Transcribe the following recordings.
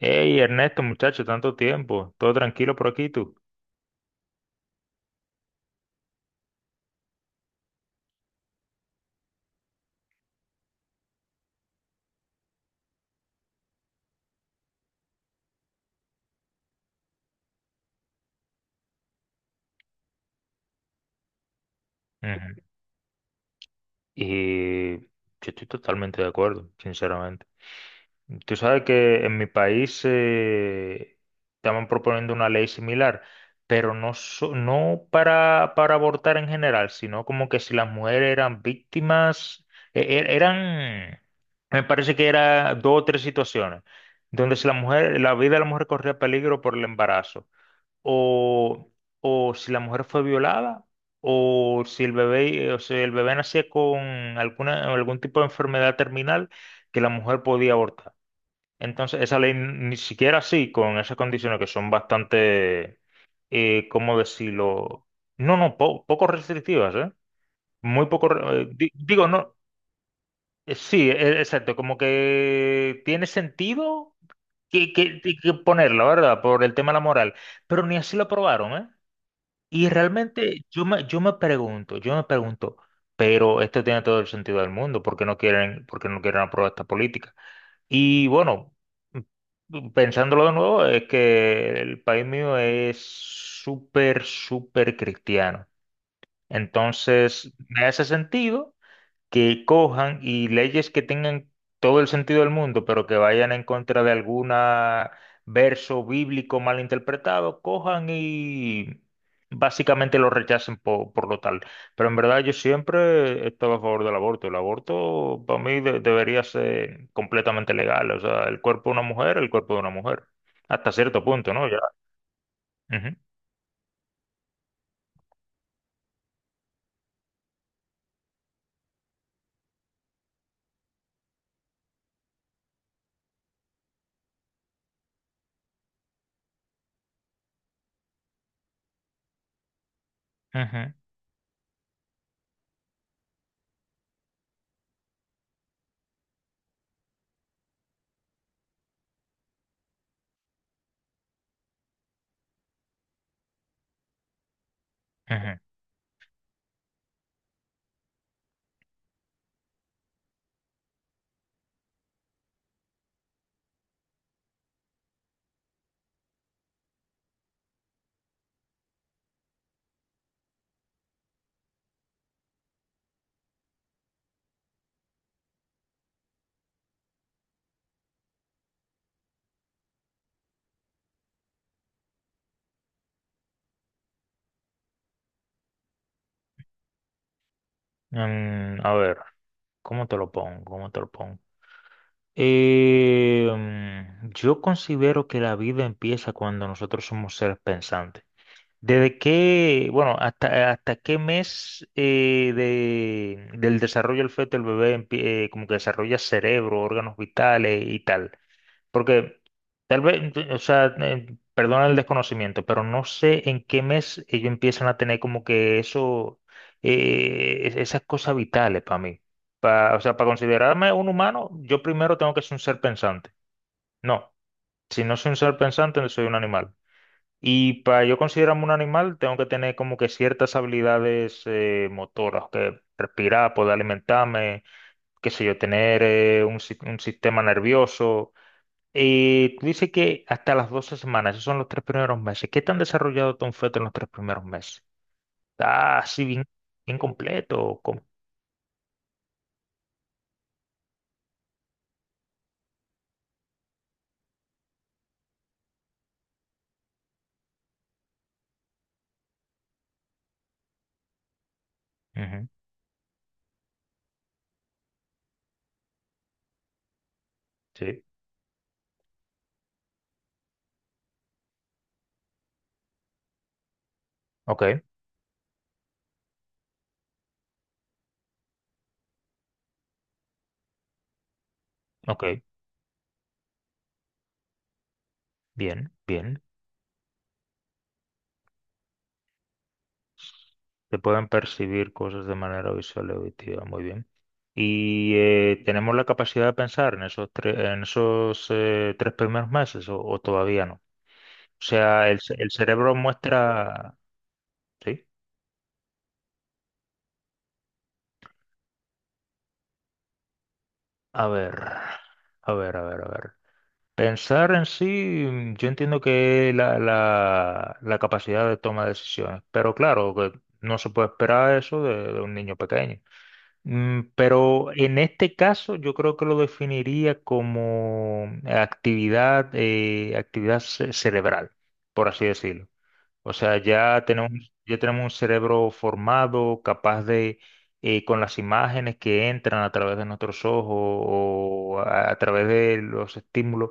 Hey, Ernesto, muchacho, tanto tiempo. Todo tranquilo por aquí, tú. Ujú. Y yo estoy totalmente de acuerdo, sinceramente. Tú sabes que en mi país estaban proponiendo una ley similar, pero no, no para abortar en general, sino como que si las mujeres eran víctimas, eran, me parece que era dos o tres situaciones, donde si la mujer, la vida de la mujer corría peligro por el embarazo. o, o si la mujer fue violada, o si el bebé nacía con algún tipo de enfermedad terminal que la mujer podía abortar. Entonces, esa ley ni siquiera así, con esas condiciones que son bastante, ¿cómo decirlo? No, no, poco restrictivas, ¿eh? Muy poco, digo, no, sí, exacto, como que tiene sentido que ponerla, ¿verdad? Por el tema de la moral, pero ni así lo aprobaron, ¿eh? Y realmente yo me pregunto, pero esto tiene todo el sentido del mundo, por qué no quieren aprobar esta política? Y bueno, pensándolo de nuevo, es que el país mío es súper, súper cristiano. Entonces, me hace sentido que cojan y leyes que tengan todo el sentido del mundo, pero que vayan en contra de algún verso bíblico mal interpretado, cojan y básicamente lo rechacen por, lo tal. Pero en verdad yo siempre estaba a favor del aborto. El aborto para mí debería ser completamente legal. O sea, el cuerpo de una mujer, el cuerpo de una mujer. Hasta cierto punto, ¿no? Ya. Ujú, ujú, ujú. A ver, ¿cómo te lo pongo? ¿Cómo te lo pongo? Yo considero que la vida empieza cuando nosotros somos seres pensantes. ¿Bueno, hasta qué mes del desarrollo del feto el bebé como que desarrolla cerebro, órganos vitales y tal? Porque tal vez, o sea, perdona el desconocimiento, pero no sé en qué mes ellos empiezan a tener como que eso, esas cosas vitales para mí. O sea, para considerarme un humano, yo primero tengo que ser un ser pensante. No, si no soy un ser pensante, no soy un animal. Y para yo considerarme un animal, tengo que tener como que ciertas habilidades motoras, que respirar, poder alimentarme, qué sé yo, tener un un sistema nervioso tú dices que hasta las 12 semanas, esos son los 3 primeros meses. ¿Qué tan desarrollado está un feto en los 3 primeros meses? Está así bien, bien completo. ¿O cómo? Ujú. Sí. Ok, ok. Bien, bien. Se pueden percibir cosas de manera visual y auditiva, muy bien. Y tenemos la capacidad de pensar en esos, tres en esos 3 primeros meses o todavía no. O sea, el cerebro muestra. Sí, a ver, a ver, a ver, a ver. Pensar en sí, yo entiendo que es la capacidad de toma de decisiones, pero claro, que no se puede esperar eso de un niño pequeño. Pero en este caso yo creo que lo definiría como actividad cerebral, por así decirlo. O sea, ya tenemos un cerebro formado, capaz de, con las imágenes que entran a través de nuestros ojos o a través de los estímulos,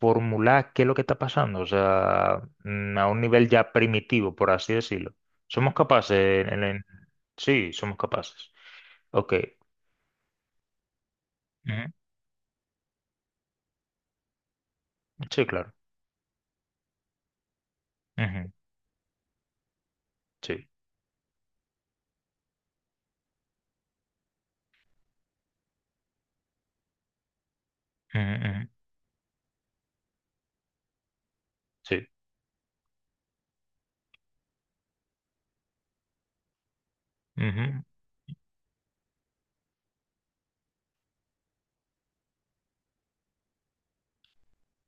formular qué es lo que está pasando. O sea, a un nivel ya primitivo, por así decirlo. Somos capaces, sí, somos capaces. Ok. Ujú. Sí, claro. Ujú. Sí. Ujú, ujú. Sí. Ujú.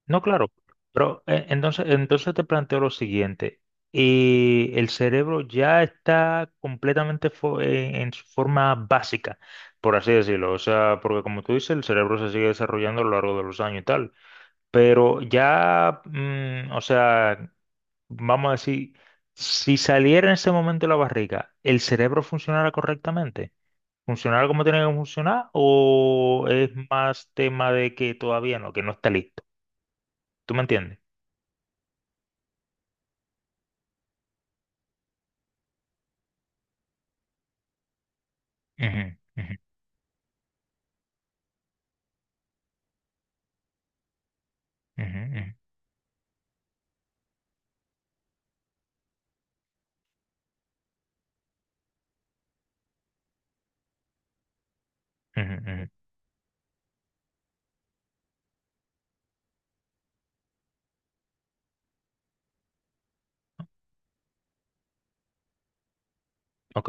No, claro, pero entonces te planteo lo siguiente. Y el cerebro ya está completamente en su forma básica, por así decirlo. O sea, porque como tú dices, el cerebro se sigue desarrollando a lo largo de los años y tal. Pero ya, o sea, vamos a decir, si saliera en ese momento de la barriga, ¿el cerebro funcionara correctamente? ¿Funcionara como tiene que funcionar? ¿O es más tema de que todavía no, que no está listo? ¿Tú me entiendes? Ujú, ujú, ujú, ujú, ujú, ujú. Ok,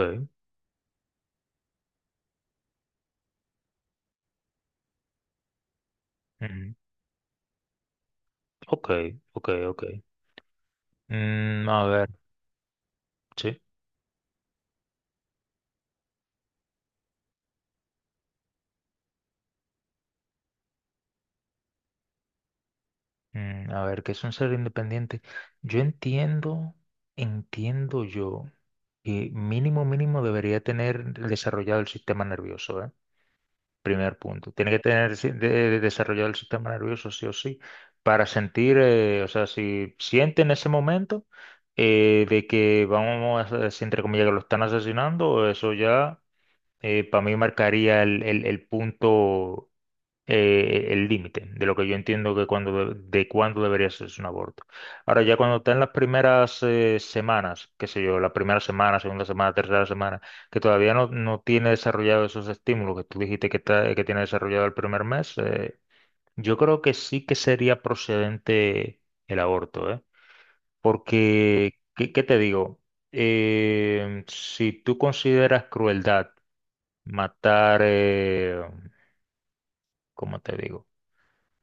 ujú. Ok, ok, ok. A ver, sí. A ver, ¿qué es un ser independiente? Yo entiendo, entiendo yo que mínimo, mínimo debería tener desarrollado el sistema nervioso, ¿eh? Primer punto. Tiene que tener desarrollado el sistema nervioso sí o sí para sentir, o sea, si siente en ese momento de que vamos, si entre comillas que lo están asesinando, eso ya para mí marcaría el punto, el límite de lo que yo entiendo que de cuándo debería ser un aborto. Ahora, ya cuando está en las primeras semanas, qué sé yo, la primera semana, segunda semana, tercera semana, que todavía no tiene desarrollado esos estímulos que tú dijiste que tiene desarrollado el primer mes, yo creo que sí que sería procedente el aborto, ¿eh? Porque, ¿qué te digo? Si tú consideras crueldad, Matar, eh, ¿cómo te digo?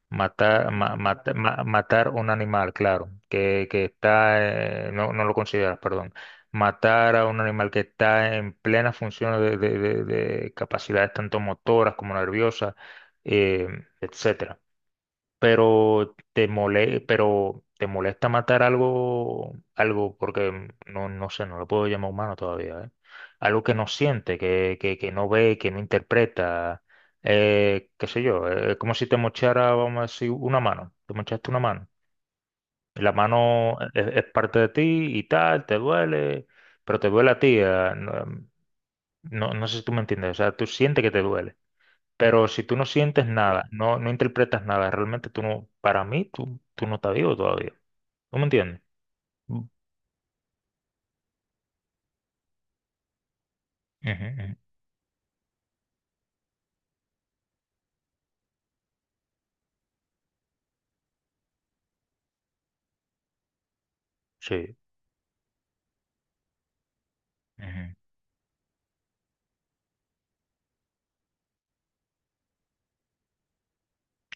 Matar, ma- mata- ma- matar un animal, claro, que está, no, no lo consideras, perdón. Matar a un animal que está en plena función de capacidades tanto motoras como nerviosas, eh, etcétera, pero te molesta matar algo, porque no, no sé, no lo puedo llamar humano todavía, ¿eh? Algo que no siente, que no ve, que no interpreta, qué sé yo, es como si te mochara, vamos a decir, una mano, te mochaste una mano. La mano es parte de ti y tal, te duele, pero te duele a ti, no, no sé si tú me entiendes, o sea, tú sientes que te duele pero si tú no sientes nada, no, no interpretas nada, realmente tú no, para mí, tú no estás vivo todavía. ¿Tú me entiendes? Mm. Ujú, ujú. Sí. Ujú.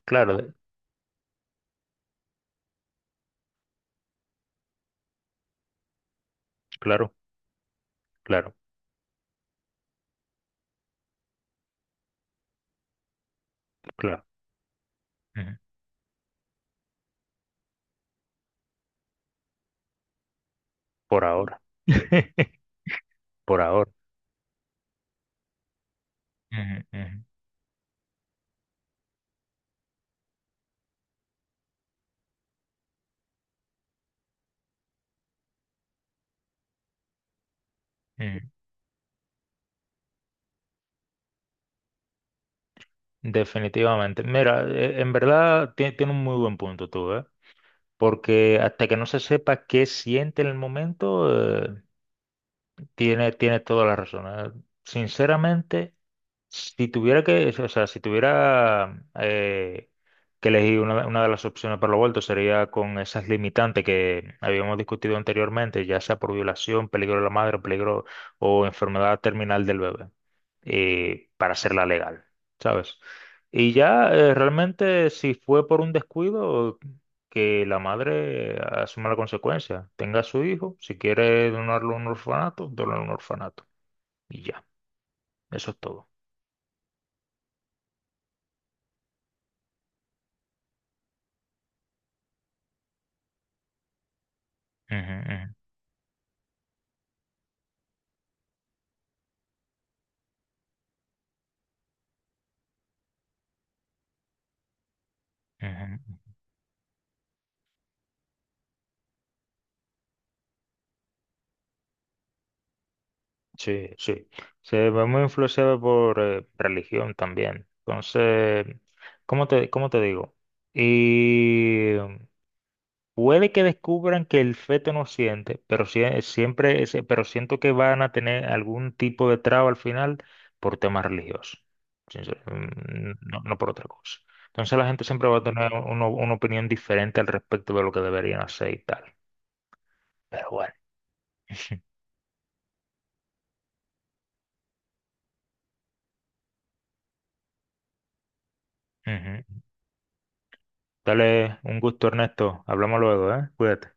Claro, claro, claro, claro. Ujú. Por ahora. Por ahora. Ujú, ujú, ujú. Definitivamente. Mira, en verdad tiene un muy buen punto tú, ¿eh? Porque hasta que no se sepa qué siente en el momento, tiene toda la razón. ¿Eh? Sinceramente, si tuviera que, o sea, si tuviera que elegir una de las opciones para los vueltos sería con esas limitantes que habíamos discutido anteriormente, ya sea por violación, peligro de la madre, peligro o enfermedad terminal del bebé, para hacerla legal, ¿sabes? Y ya realmente si fue por un descuido, que la madre asuma la consecuencia, tenga a su hijo, si quiere donarlo a un orfanato, donarlo a un orfanato, y ya, eso es todo. Ujú, ujú. Ujú. Sí, sí. Se ve muy influenciado por religión también. Entonces, cómo te digo? Y puede que descubran que el feto no siente, pero siempre, pero siento que van a tener algún tipo de traba al final por temas religiosos. No, no por otra cosa. Entonces la gente siempre va a tener una opinión diferente al respecto de lo que deberían hacer y tal. Pero bueno. Ujú. Dale, un gusto, Ernesto. Hablamos luego, ¿eh? Cuídate.